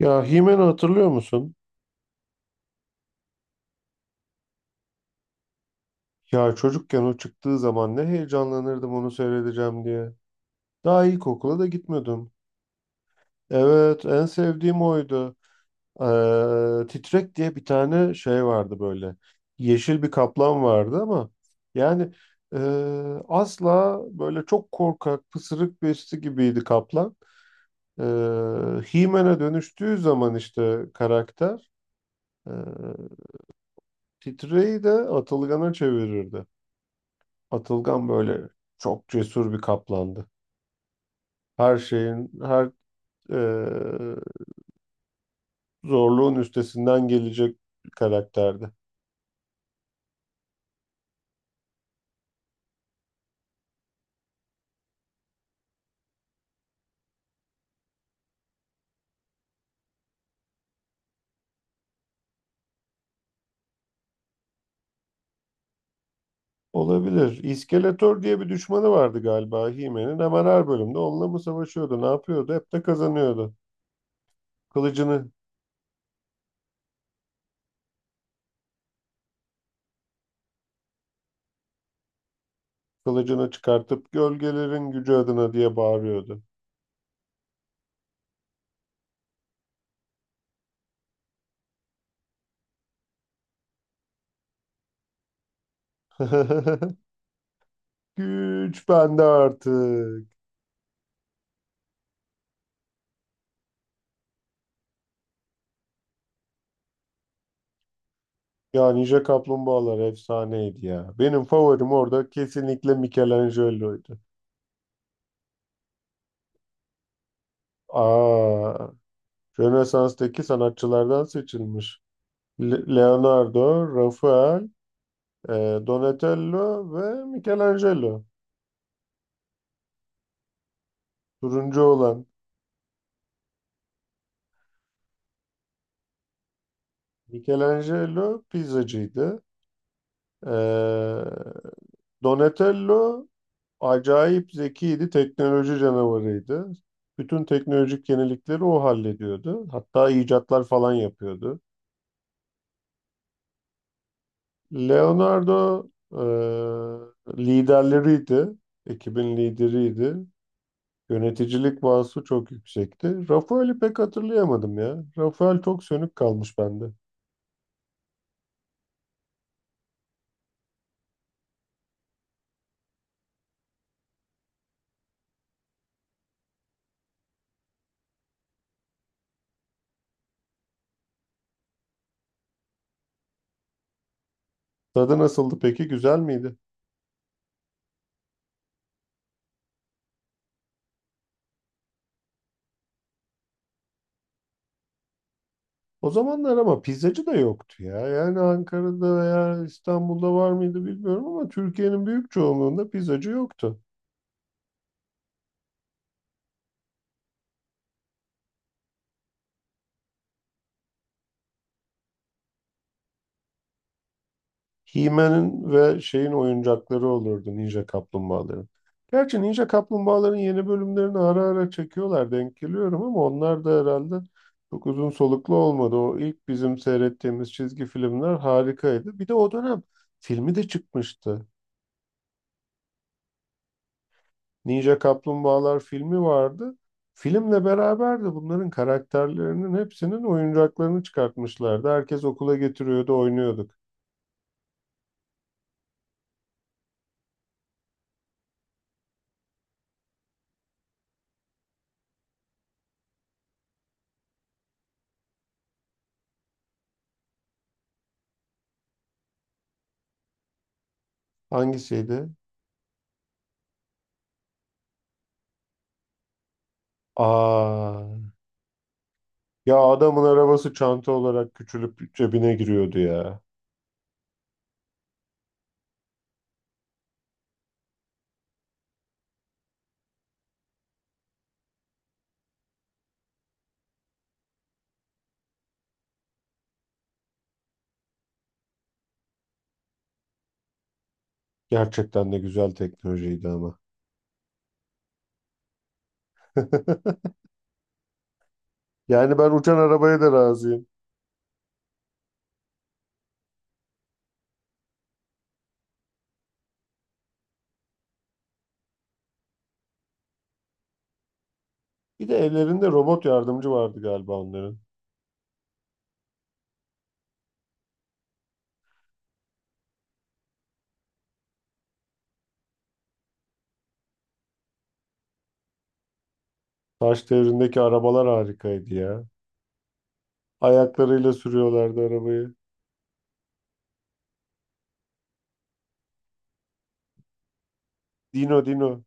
Ya He-Man'ı hatırlıyor musun? Ya çocukken o çıktığı zaman ne heyecanlanırdım onu seyredeceğim diye. Daha ilkokula da gitmiyordum. Evet, en sevdiğim oydu. Titrek diye bir tane şey vardı böyle. Yeşil bir kaplan vardı ama yani e, asla böyle çok korkak, pısırık birisi gibiydi kaplan. He-Man'e dönüştüğü zaman işte karakter e, Titreyi de Atılgan'a çevirirdi. Atılgan böyle çok cesur bir kaplandı. Her şeyin, her e, zorluğun üstesinden gelecek bir karakterdi. Olabilir. İskeletor diye bir düşmanı vardı galiba He-Man'in. Hemen her bölümde onunla mı savaşıyordu, ne yapıyordu? Hep de kazanıyordu. Kılıcını, kılıcını çıkartıp gölgelerin gücü adına diye bağırıyordu. Güç bende artık. Ya Ninja Kaplumbağalar efsaneydi ya. Benim favorim orada kesinlikle Michelangelo'ydu. Aa, Rönesans'taki sanatçılardan seçilmiş. Leonardo, Rafael, e, Donatello ve Michelangelo. Turuncu olan Michelangelo pizzacıydı. E, Donatello acayip zekiydi, teknoloji canavarıydı. Bütün teknolojik yenilikleri o hallediyordu. Hatta icatlar falan yapıyordu. Leonardo e, liderleriydi. Ekibin lideriydi. Yöneticilik vasfı çok yüksekti. Rafael'i pek hatırlayamadım ya. Rafael çok sönük kalmış bende. Tadı nasıldı peki? Güzel miydi? O zamanlar ama pizzacı da yoktu ya. Yani Ankara'da veya İstanbul'da var mıydı bilmiyorum ama Türkiye'nin büyük çoğunluğunda pizzacı yoktu. He-Man'in ve şeyin oyuncakları olurdu Ninja Kaplumbağaların. Gerçi Ninja Kaplumbağaların yeni bölümlerini ara ara çekiyorlar denk geliyorum ama onlar da herhalde çok uzun soluklu olmadı. O ilk bizim seyrettiğimiz çizgi filmler harikaydı. Bir de o dönem filmi de çıkmıştı. Ninja Kaplumbağalar filmi vardı. Filmle beraber de bunların karakterlerinin hepsinin oyuncaklarını çıkartmışlardı. Herkes okula getiriyordu, oynuyorduk. Hangisiydi? Aa. Ya adamın arabası çanta olarak küçülüp cebine giriyordu ya. Gerçekten de güzel teknolojiydi ama. Yani ben uçan arabaya da razıyım. Bir de ellerinde robot yardımcı vardı galiba onların. Taş devrindeki arabalar harikaydı ya. Ayaklarıyla sürüyorlardı arabayı. Dino Dino.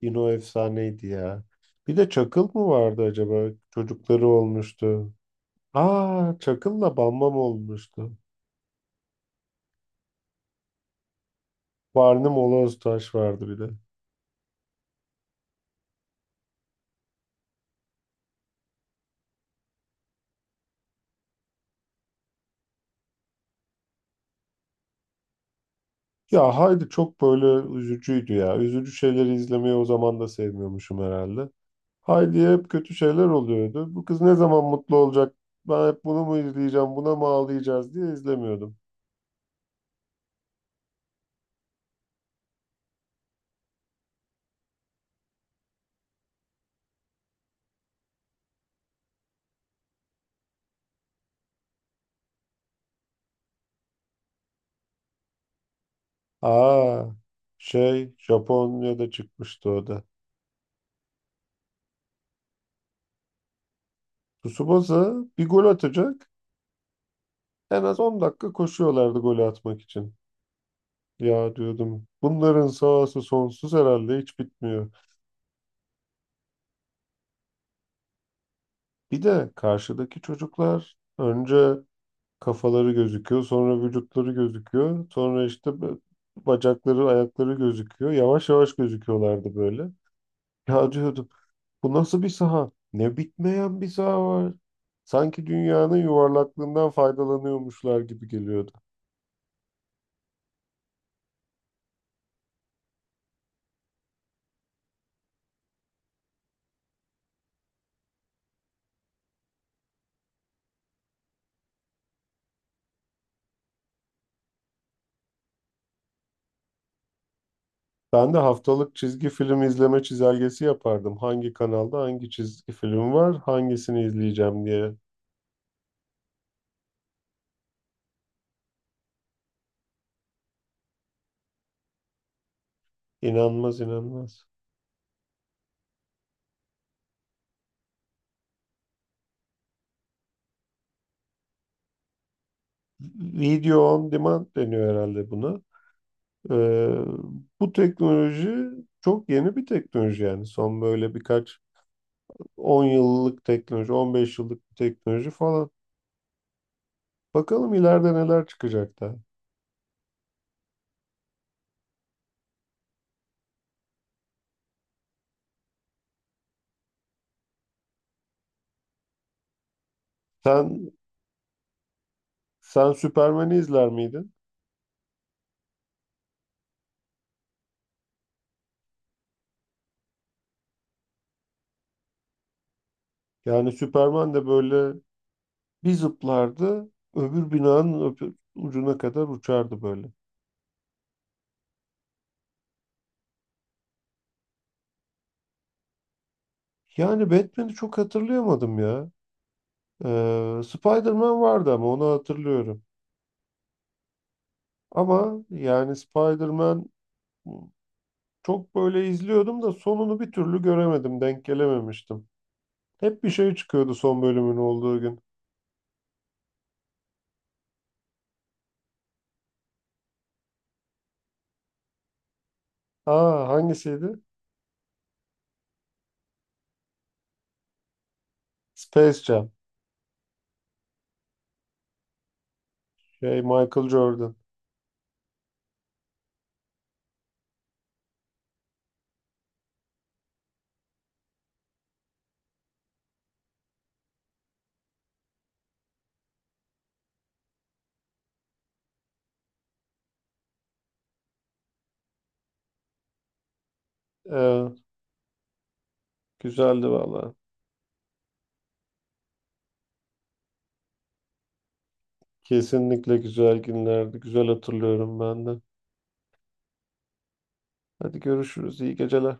Dino efsaneydi ya. Bir de Çakıl mı vardı acaba? Çocukları olmuştu. Aa Çakıl'la Bambam olmuştu. Barnum Oloz Taş vardı bir de. Ya Haydi çok böyle üzücüydü ya. Üzücü şeyleri izlemeyi o zaman da sevmiyormuşum herhalde. Haydi'ye hep kötü şeyler oluyordu. Bu kız ne zaman mutlu olacak? Ben hep bunu mu izleyeceğim, buna mı ağlayacağız diye izlemiyordum. Aa, şey Japonya'da çıkmıştı o da. Tsubasa bir gol atacak. En az 10 dakika koşuyorlardı golü atmak için. Ya diyordum bunların sahası sonsuz herhalde hiç bitmiyor. Bir de karşıdaki çocuklar önce kafaları gözüküyor, sonra vücutları gözüküyor, sonra işte bacakları, ayakları gözüküyor. Yavaş yavaş gözüküyorlardı böyle. Ya diyordum, bu nasıl bir saha? Ne bitmeyen bir saha var. Sanki dünyanın yuvarlaklığından faydalanıyormuşlar gibi geliyordu. Ben de haftalık çizgi film izleme çizelgesi yapardım. Hangi kanalda hangi çizgi film var, hangisini izleyeceğim diye. İnanmaz inanmaz. Video on demand deniyor herhalde buna. Ee, bu teknoloji çok yeni bir teknoloji yani. Son böyle birkaç 10 yıllık teknoloji, 15 yıllık bir teknoloji falan. Bakalım ileride neler çıkacak da. Sen sen Süpermen'i izler miydin? Yani Süperman de böyle bir zıplardı, öbür binanın öbür ucuna kadar uçardı böyle. Yani Batman'i çok hatırlayamadım ya. Spider-Man vardı ama onu hatırlıyorum. Ama yani Spider-Man çok böyle izliyordum da sonunu bir türlü göremedim, denk gelememiştim. Hep bir şey çıkıyordu son bölümün olduğu gün. Aa hangisiydi? Space Jam. Şey Michael Jordan. Ee, güzeldi valla. Kesinlikle güzel günlerdi. Güzel hatırlıyorum ben de. Hadi görüşürüz. İyi geceler.